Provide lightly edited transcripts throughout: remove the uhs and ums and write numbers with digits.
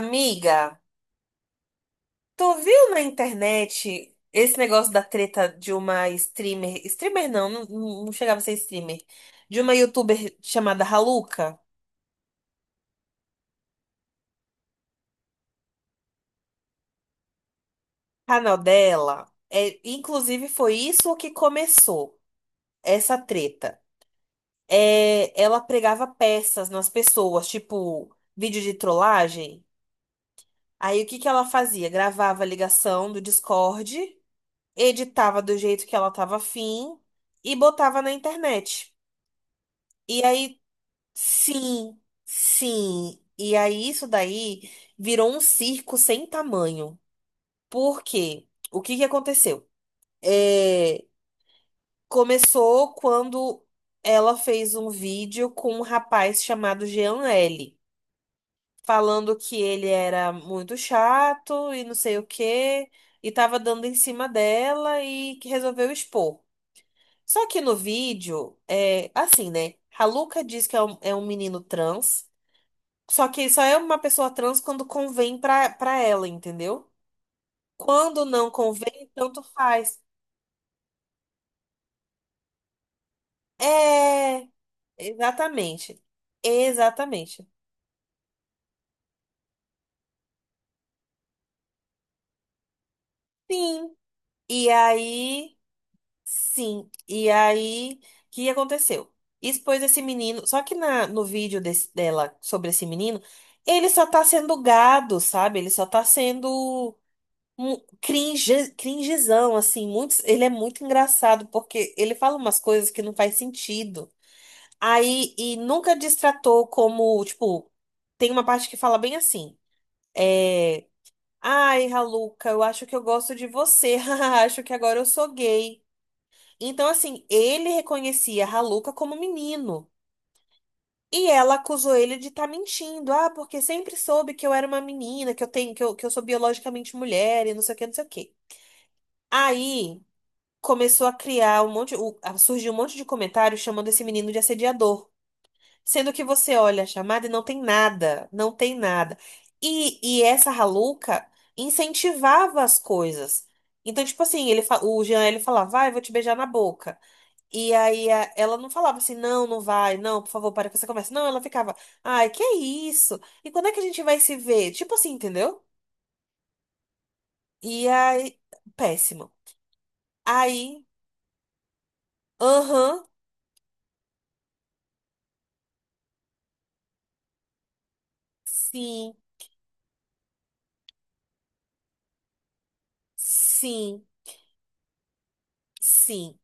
Amiga, tu viu na internet esse negócio da treta de uma streamer? Streamer não, não, não chegava a ser streamer. De uma youtuber chamada Haluca. O canal dela. É, inclusive, foi isso o que começou essa treta. É, ela pregava peças nas pessoas, tipo vídeo de trollagem. Aí o que que ela fazia? Gravava a ligação do Discord, editava do jeito que ela tava afim e botava na internet. E aí. Sim, sim. E aí isso daí virou um circo sem tamanho. Por quê? O que que aconteceu? É, começou quando ela fez um vídeo com um rapaz chamado Jean L, falando que ele era muito chato e não sei o quê, e tava dando em cima dela e que resolveu expor. Só que no vídeo, é assim, né? Haluca diz que é um menino trans. Só que só é uma pessoa trans quando convém pra ela, entendeu? Quando não convém, tanto faz. É, exatamente. Exatamente. Sim. E aí, sim. E aí, o que aconteceu? Expôs esse menino. Só que no vídeo dela sobre esse menino, ele só tá sendo gado, sabe? Ele só tá sendo um cringe, cringezão, assim. Muitos, ele é muito engraçado, porque ele fala umas coisas que não faz sentido. Aí, e nunca destratou como, tipo, tem uma parte que fala bem assim, é, ai, Raluca, eu acho que eu gosto de você, Haha, acho que agora eu sou gay. Então, assim, ele reconhecia a Raluca como menino. E ela acusou ele de estar mentindo. Ah, porque sempre soube que eu era uma menina, que eu tenho, que eu sou biologicamente mulher e não sei o que, não sei o que. Aí começou a criar um monte, a surgir um monte de comentários chamando esse menino de assediador. Sendo que você olha a chamada e não tem nada, não tem nada. E essa Raluca incentivava as coisas. Então, tipo assim, ele, o Jean, ele falava, vai, eu vou te beijar na boca. E aí ela não falava assim, não, não vai, não, por favor, para com essa conversa. Não, ela ficava, ai, que é isso? E quando é que a gente vai se ver? Tipo assim, entendeu? E aí, péssimo. Aí, aham, sim, sim, sim.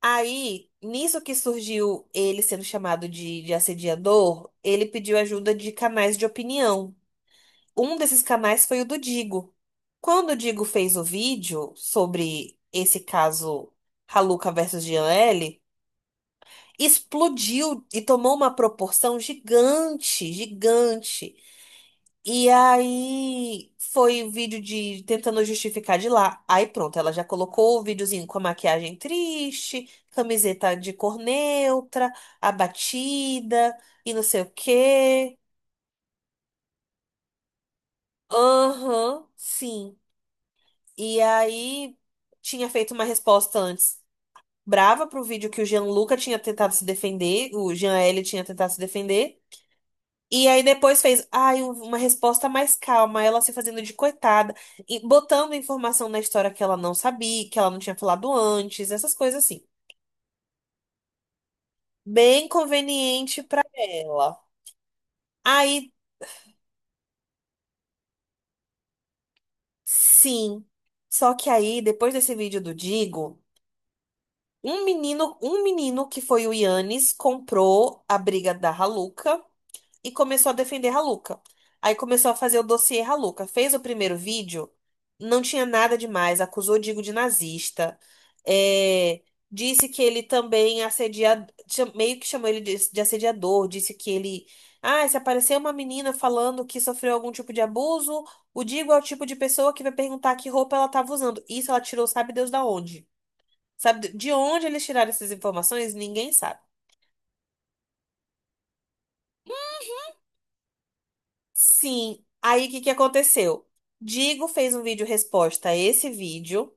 Aí, nisso que surgiu ele sendo chamado de, assediador, ele pediu ajuda de canais de opinião. Um desses canais foi o do Digo. Quando o Digo fez o vídeo sobre esse caso Haluca versus Jean L., explodiu e tomou uma proporção gigante, gigante. E aí foi o vídeo de tentando justificar de lá. Aí pronto, ela já colocou o videozinho com a maquiagem triste, camiseta de cor neutra, abatida e não sei o quê. Aham, sim. E aí tinha feito uma resposta antes brava pro vídeo que o Jean Luca tinha tentado se defender, o Jean L tinha tentado se defender. E aí depois fez, ai, uma resposta mais calma, ela se fazendo de coitada, e botando informação na história que ela não sabia, que ela não tinha falado antes, essas coisas assim. Bem conveniente pra ela. Aí, sim. Só que aí, depois desse vídeo do Digo, um menino que foi o Yannis comprou a briga da Haluca. E começou a defender Haluca. Aí começou a fazer o dossiê Haluca. Fez o primeiro vídeo, não tinha nada demais, acusou o Digo de nazista, é, disse que ele também assedia, meio que chamou ele de assediador, disse que ele, ah, se aparecer uma menina falando que sofreu algum tipo de abuso, o Digo é o tipo de pessoa que vai perguntar que roupa ela estava usando. Isso ela tirou, sabe Deus da onde? Sabe de onde eles tiraram essas informações? Ninguém sabe. Sim. Aí o que que aconteceu? Digo fez um vídeo resposta a esse vídeo,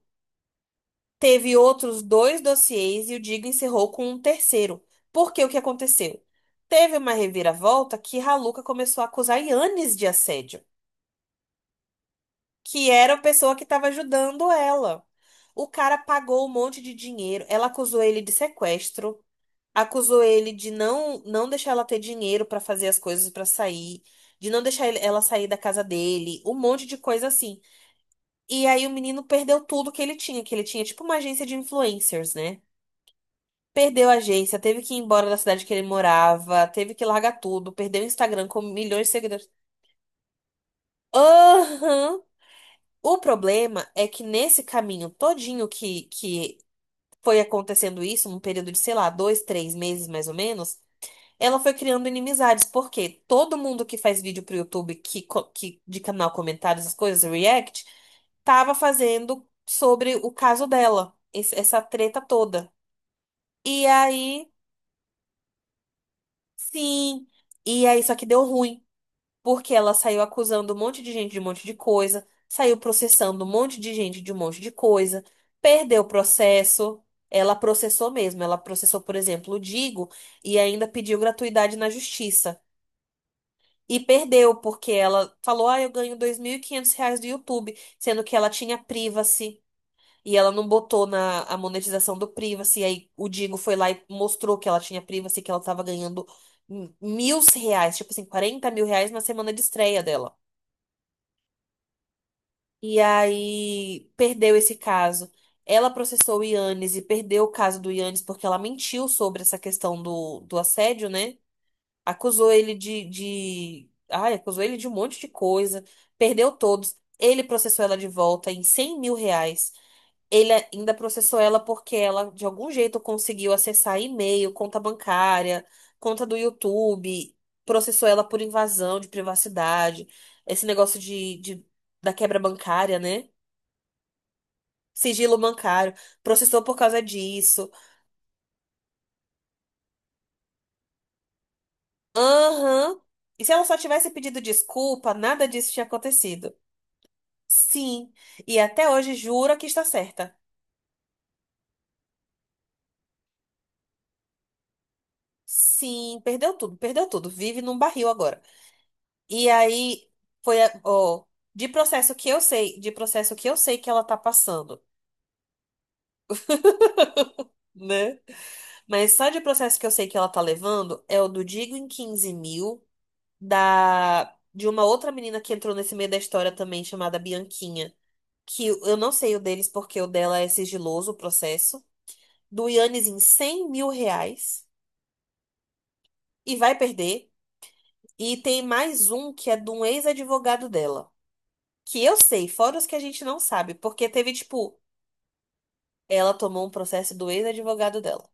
teve outros dois dossiês e o Digo encerrou com um terceiro. Porque o que aconteceu? Teve uma reviravolta que Raluca começou a acusar Yannis de assédio, que era a pessoa que estava ajudando ela. O cara pagou um monte de dinheiro, ela acusou ele de sequestro, acusou ele de não não deixar ela ter dinheiro para fazer as coisas para sair de não deixar ela sair da casa dele, um monte de coisa assim. E aí o menino perdeu tudo que ele tinha tipo uma agência de influencers, né? Perdeu a agência, teve que ir embora da cidade que ele morava, teve que largar tudo, perdeu o Instagram com milhões de seguidores. Aham. O problema é que nesse caminho todinho que foi acontecendo isso, num período de, sei lá, 2, 3 meses mais ou menos, ela foi criando inimizades, porque todo mundo que faz vídeo pro YouTube que, de canal comentários, as coisas, react, tava fazendo sobre o caso dela, essa treta toda. E aí, sim. E aí, só que deu ruim, porque ela saiu acusando um monte de gente de um monte de coisa, saiu processando um monte de gente de um monte de coisa, perdeu o processo. Ela processou mesmo, ela processou, por exemplo, o Digo e ainda pediu gratuidade na justiça. E perdeu, porque ela falou: Ah, eu ganho 2.500 reais do YouTube, sendo que ela tinha privacy. E ela não botou na a monetização do Privacy. Aí o Digo foi lá e mostrou que ela tinha Privacy, que ela tava ganhando 1.000 reais, tipo assim, 40.000 reais na semana de estreia dela. E aí perdeu esse caso. Ela processou o Yannis e perdeu o caso do Yannis porque ela mentiu sobre essa questão do assédio, né? Acusou ele de, de. Ai, acusou ele de um monte de coisa. Perdeu todos. Ele processou ela de volta em 100.000 reais. Ele ainda processou ela porque ela, de algum jeito, conseguiu acessar e-mail, conta bancária, conta do YouTube, processou ela por invasão de privacidade, esse negócio da quebra bancária, né? Sigilo bancário. Processou por causa disso. Aham. E se ela só tivesse pedido desculpa, nada disso tinha acontecido. Sim. E até hoje jura que está certa. Sim, perdeu tudo, perdeu tudo. Vive num barril agora. E aí ó, de processo que eu sei, de processo que eu sei que ela tá passando, né? Mas só de processo que eu sei que ela tá levando é o do Digo em 15.000, da, de uma outra menina que entrou nesse meio da história também, chamada Bianquinha. Que eu não sei o deles, porque o dela é sigiloso o processo. Do Yannis em 100.000 reais. E vai perder. E tem mais um que é de um ex-advogado dela. Que eu sei, fora os que a gente não sabe. Porque teve, tipo. Ela tomou um processo do ex-advogado dela.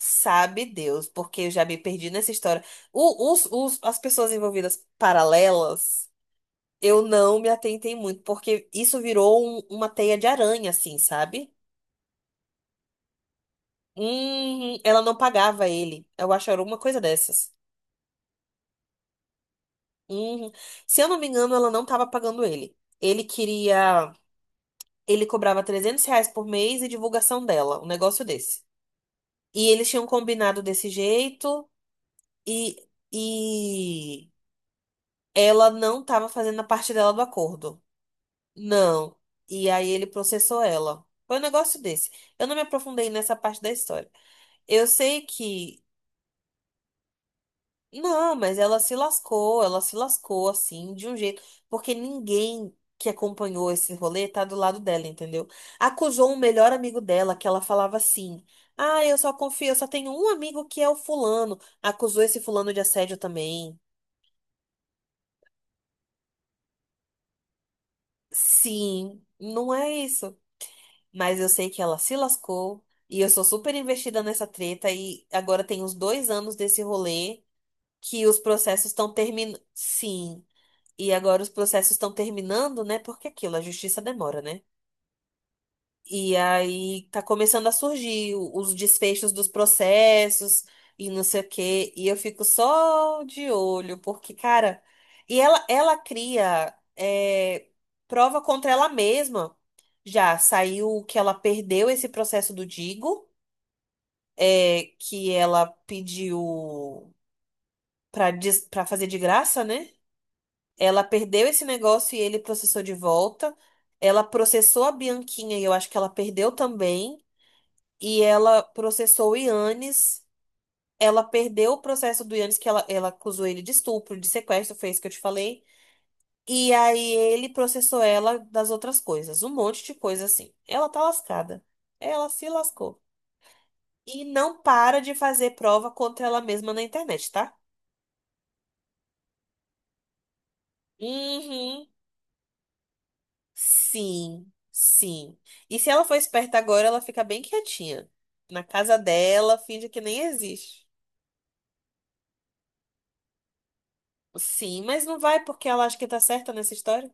Sabe Deus, porque eu já me perdi nessa história. O- os- as pessoas envolvidas paralelas, eu não me atentei muito, porque isso virou uma teia de aranha, assim, sabe? Ela não pagava ele. Eu acho que era alguma coisa dessas. Hum, se eu não me engano, ela não estava pagando ele. Ele queria. Ele cobrava 300 reais por mês e divulgação dela, um negócio desse. E eles tinham combinado desse jeito. E, e ela não estava fazendo a parte dela do acordo. Não. E aí ele processou ela. Foi um negócio desse. Eu não me aprofundei nessa parte da história. Eu sei que. Não, mas ela se lascou assim, de um jeito. Porque ninguém que acompanhou esse rolê tá do lado dela, entendeu? Acusou um melhor amigo dela, que ela falava assim. Ah, eu só confio, eu só tenho um amigo que é o fulano. Acusou esse fulano de assédio também. Sim, não é isso. Mas eu sei que ela se lascou e eu sou super investida nessa treta e agora tem uns 2 anos desse rolê que os processos estão terminando. Sim, e agora os processos estão terminando, né? Porque é aquilo, a justiça demora, né? E aí tá começando a surgir os desfechos dos processos e não sei o quê. E eu fico só de olho, porque, cara, e ela cria é, prova contra ela mesma. Já saiu que ela perdeu esse processo do Digo, é, que ela pediu pra fazer de graça, né? Ela perdeu esse negócio e ele processou de volta. Ela processou a Bianquinha e eu acho que ela perdeu também. E ela processou o Yannis. Ela perdeu o processo do Yannis, que ela acusou ele de estupro, de sequestro, foi isso que eu te falei. E aí ele processou ela das outras coisas, um monte de coisa assim. Ela tá lascada. Ela se lascou. E não para de fazer prova contra ela mesma na internet, tá? Uhum. Sim, sim. E se ela for esperta agora, ela fica bem quietinha. Na casa dela, finge que nem existe. Sim, mas não vai porque ela acha que tá certa nessa história.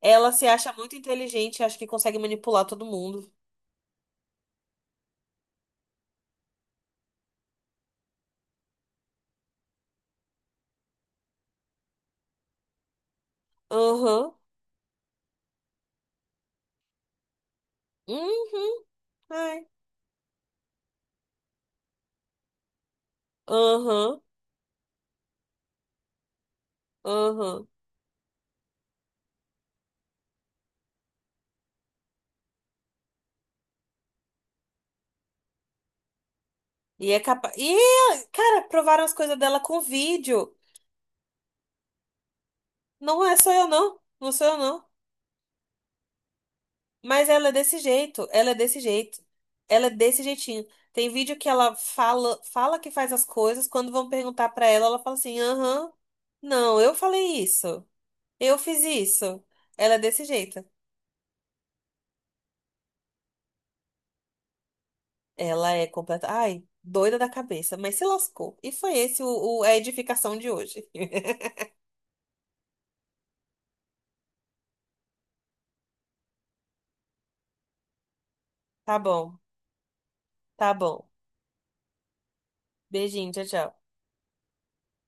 Ela se acha muito inteligente, acha que consegue manipular todo mundo. Aham. Uhum. Ai. Aham. Aham. E é capaz. E, cara, provaram as coisas dela com vídeo. Não é só eu, não. Não sou eu, não. Mas ela é desse jeito. Ela é desse jeito. Ela é desse jeitinho. Tem vídeo que ela fala, fala que faz as coisas. Quando vão perguntar pra ela, ela fala assim: aham. Não, eu falei isso. Eu fiz isso. Ela é desse jeito. Ela é completa. Ai, doida da cabeça, mas se lascou. E foi esse a edificação de hoje. Tá bom, tá bom. Beijinho, tchau, tchau.